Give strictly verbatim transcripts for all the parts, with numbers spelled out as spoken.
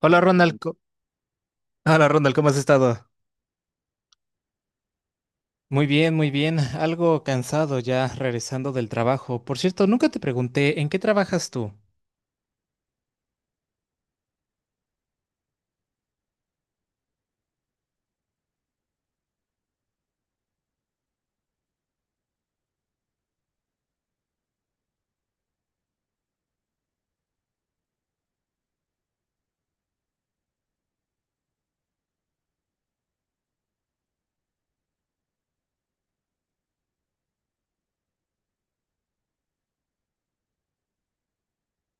Hola Ronald, co- hola Ronald, ¿cómo has estado? Muy bien, muy bien. Algo cansado ya regresando del trabajo. Por cierto, nunca te pregunté, ¿en qué trabajas tú?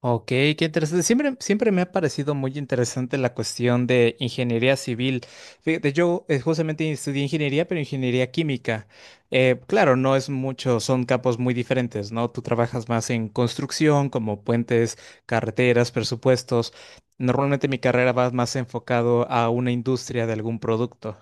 Ok, qué interesante. Siempre, siempre me ha parecido muy interesante la cuestión de ingeniería civil. Fíjate, yo eh, justamente estudié ingeniería, pero ingeniería química. Eh, claro, no es mucho, son campos muy diferentes, ¿no? Tú trabajas más en construcción, como puentes, carreteras, presupuestos. Normalmente mi carrera va más enfocado a una industria de algún producto.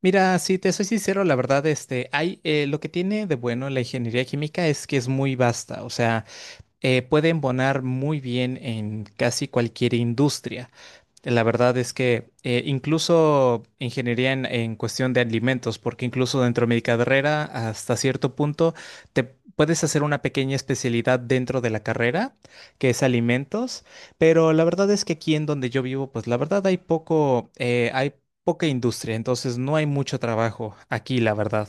Mira, si te soy sincero, la verdad, este, hay, eh, lo que tiene de bueno la ingeniería química es que es muy vasta, o sea. Eh, puede embonar muy bien en casi cualquier industria. La verdad es que eh, incluso ingeniería en, en cuestión de alimentos, porque incluso dentro de mi carrera, hasta cierto punto, te puedes hacer una pequeña especialidad dentro de la carrera, que es alimentos, pero la verdad es que aquí en donde yo vivo, pues la verdad hay poco, eh, hay poca industria, entonces no hay mucho trabajo aquí, la verdad.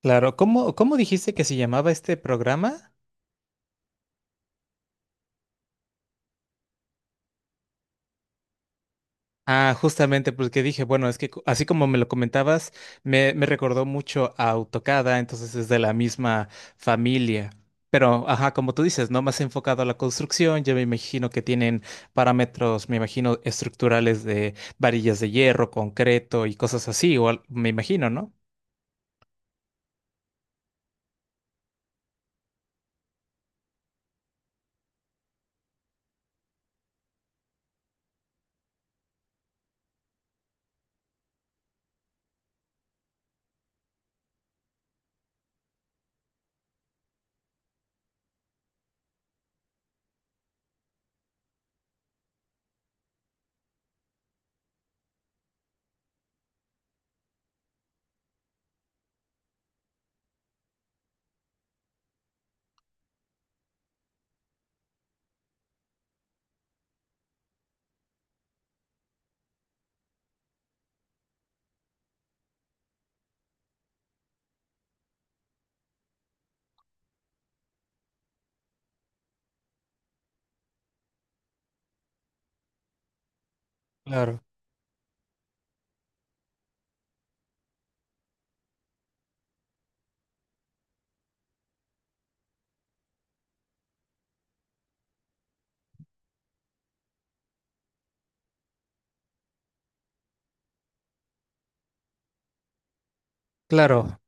Claro, ¿cómo, cómo dijiste que se llamaba este programa? Ah, justamente, porque dije, bueno, es que co- así como me lo comentabas, me, me recordó mucho a AutoCAD, entonces es de la misma familia. Pero, ajá, como tú dices, ¿no? Más enfocado a la construcción, yo me imagino que tienen parámetros, me imagino, estructurales de varillas de hierro, concreto y cosas así, o al- me imagino, ¿no? Claro, claro.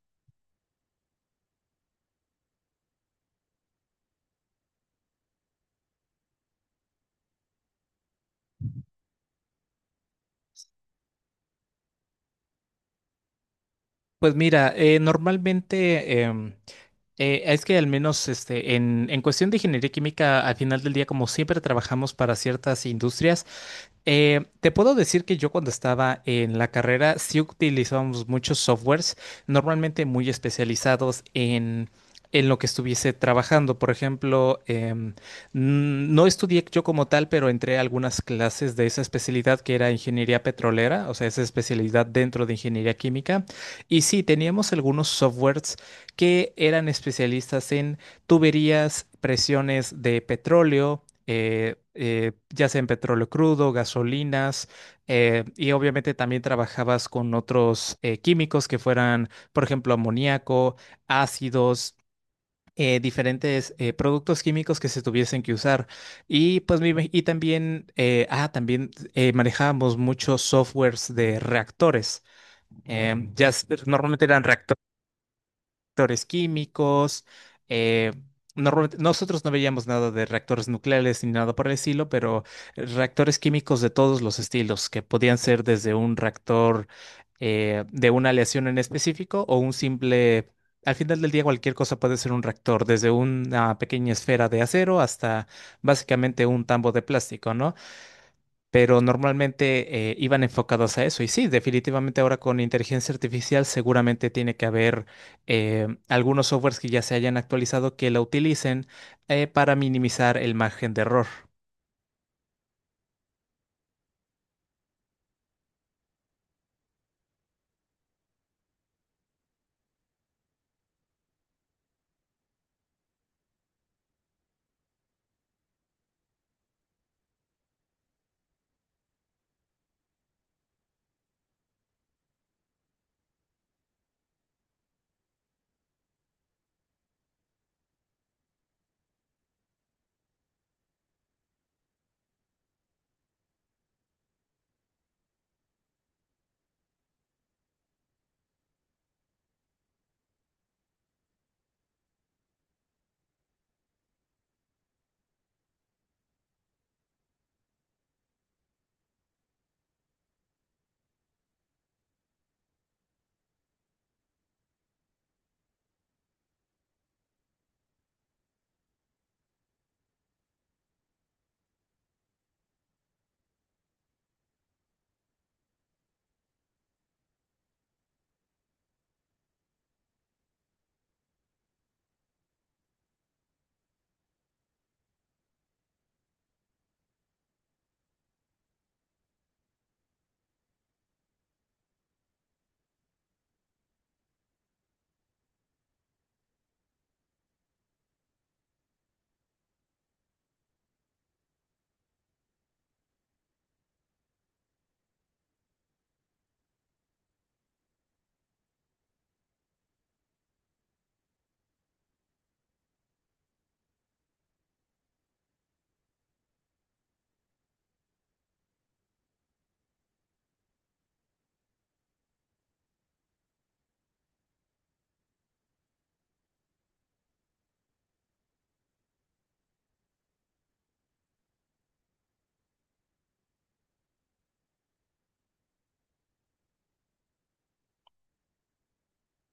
Pues mira, eh, normalmente em, eh, es que al menos este, en, en cuestión de ingeniería química, al final del día, como siempre trabajamos para ciertas industrias. Eh, te puedo decir que yo cuando estaba en la carrera sí utilizábamos muchos softwares, normalmente muy especializados en, en lo que estuviese trabajando. Por ejemplo, em, n- no estudié yo como tal, pero entré a algunas clases de esa especialidad que era ingeniería petrolera, o sea, esa especialidad dentro de ingeniería química. Y sí, teníamos algunos softwares que eran especialistas en tuberías, presiones de petróleo, eh, eh, ya sea en petróleo crudo, gasolinas, eh, y obviamente también trabajabas con otros eh, químicos que fueran, por ejemplo, amoníaco, ácidos. Eh, diferentes eh, productos químicos que se tuviesen que usar. Y pues me imag- y también, eh, ah, también eh, manejábamos muchos softwares de reactores. Em, ya s- normalmente eran reactores reactores químicos. eh, normalmente- Nosotros no veíamos nada de reactores nucleares ni nada por el estilo, pero reactores químicos de todos los estilos, que podían ser desde un reactor eh, de una aleación en específico o un simple. Al final del día, cualquier cosa puede ser un reactor, desde una pequeña esfera de acero hasta básicamente un tambo de plástico, ¿no? Pero normalmente eh, iban enfocados a eso. Y sí, definitivamente ahora con inteligencia artificial seguramente tiene que haber eh, algunos softwares que ya se hayan actualizado que la utilicen eh, para minimizar el margen de error.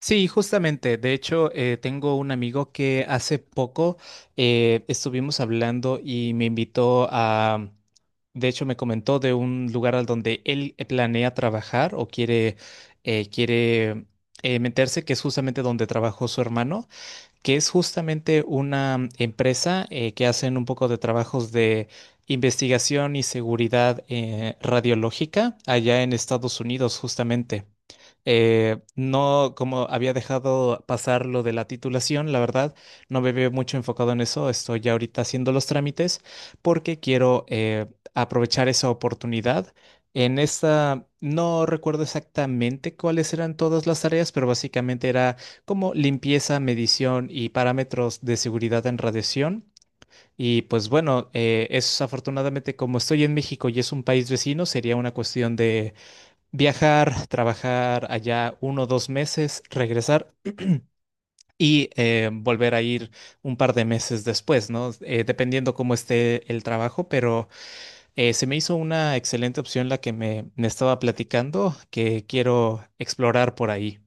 Sí, justamente. De hecho, eh, tengo un amigo que hace poco eh, estuvimos hablando y me invitó a, de hecho, me comentó de un lugar al donde él planea trabajar o quiere, eh, quiere eh, meterse, que es justamente donde trabajó su hermano. Que es justamente una empresa eh, que hacen un poco de trabajos de investigación y seguridad eh, radiológica allá en Estados Unidos, justamente. Eh, no, como había dejado pasar lo de la titulación, la verdad, no me veo mucho enfocado en eso. Estoy ya ahorita haciendo los trámites porque quiero eh, aprovechar esa oportunidad. En esta, no recuerdo exactamente cuáles eran todas las tareas, pero básicamente era como limpieza, medición y parámetros de seguridad en radiación. Y pues bueno, eh, es afortunadamente como estoy en México y es un país vecino, sería una cuestión de viajar, trabajar allá uno o dos meses, regresar y eh, volver a ir un par de meses después, ¿no? Eh, dependiendo cómo esté el trabajo, pero eh, se me hizo una excelente opción la que me, me estaba platicando que quiero explorar por ahí.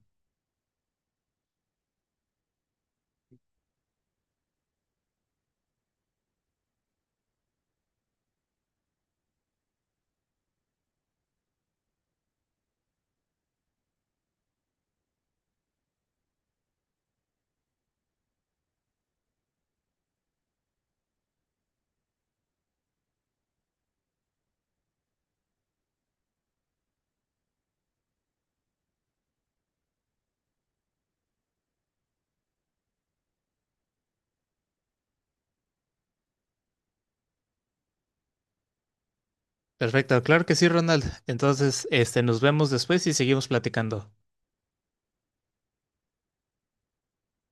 Perfecto, claro que sí, Ronald. Entonces, este, nos vemos después y seguimos platicando.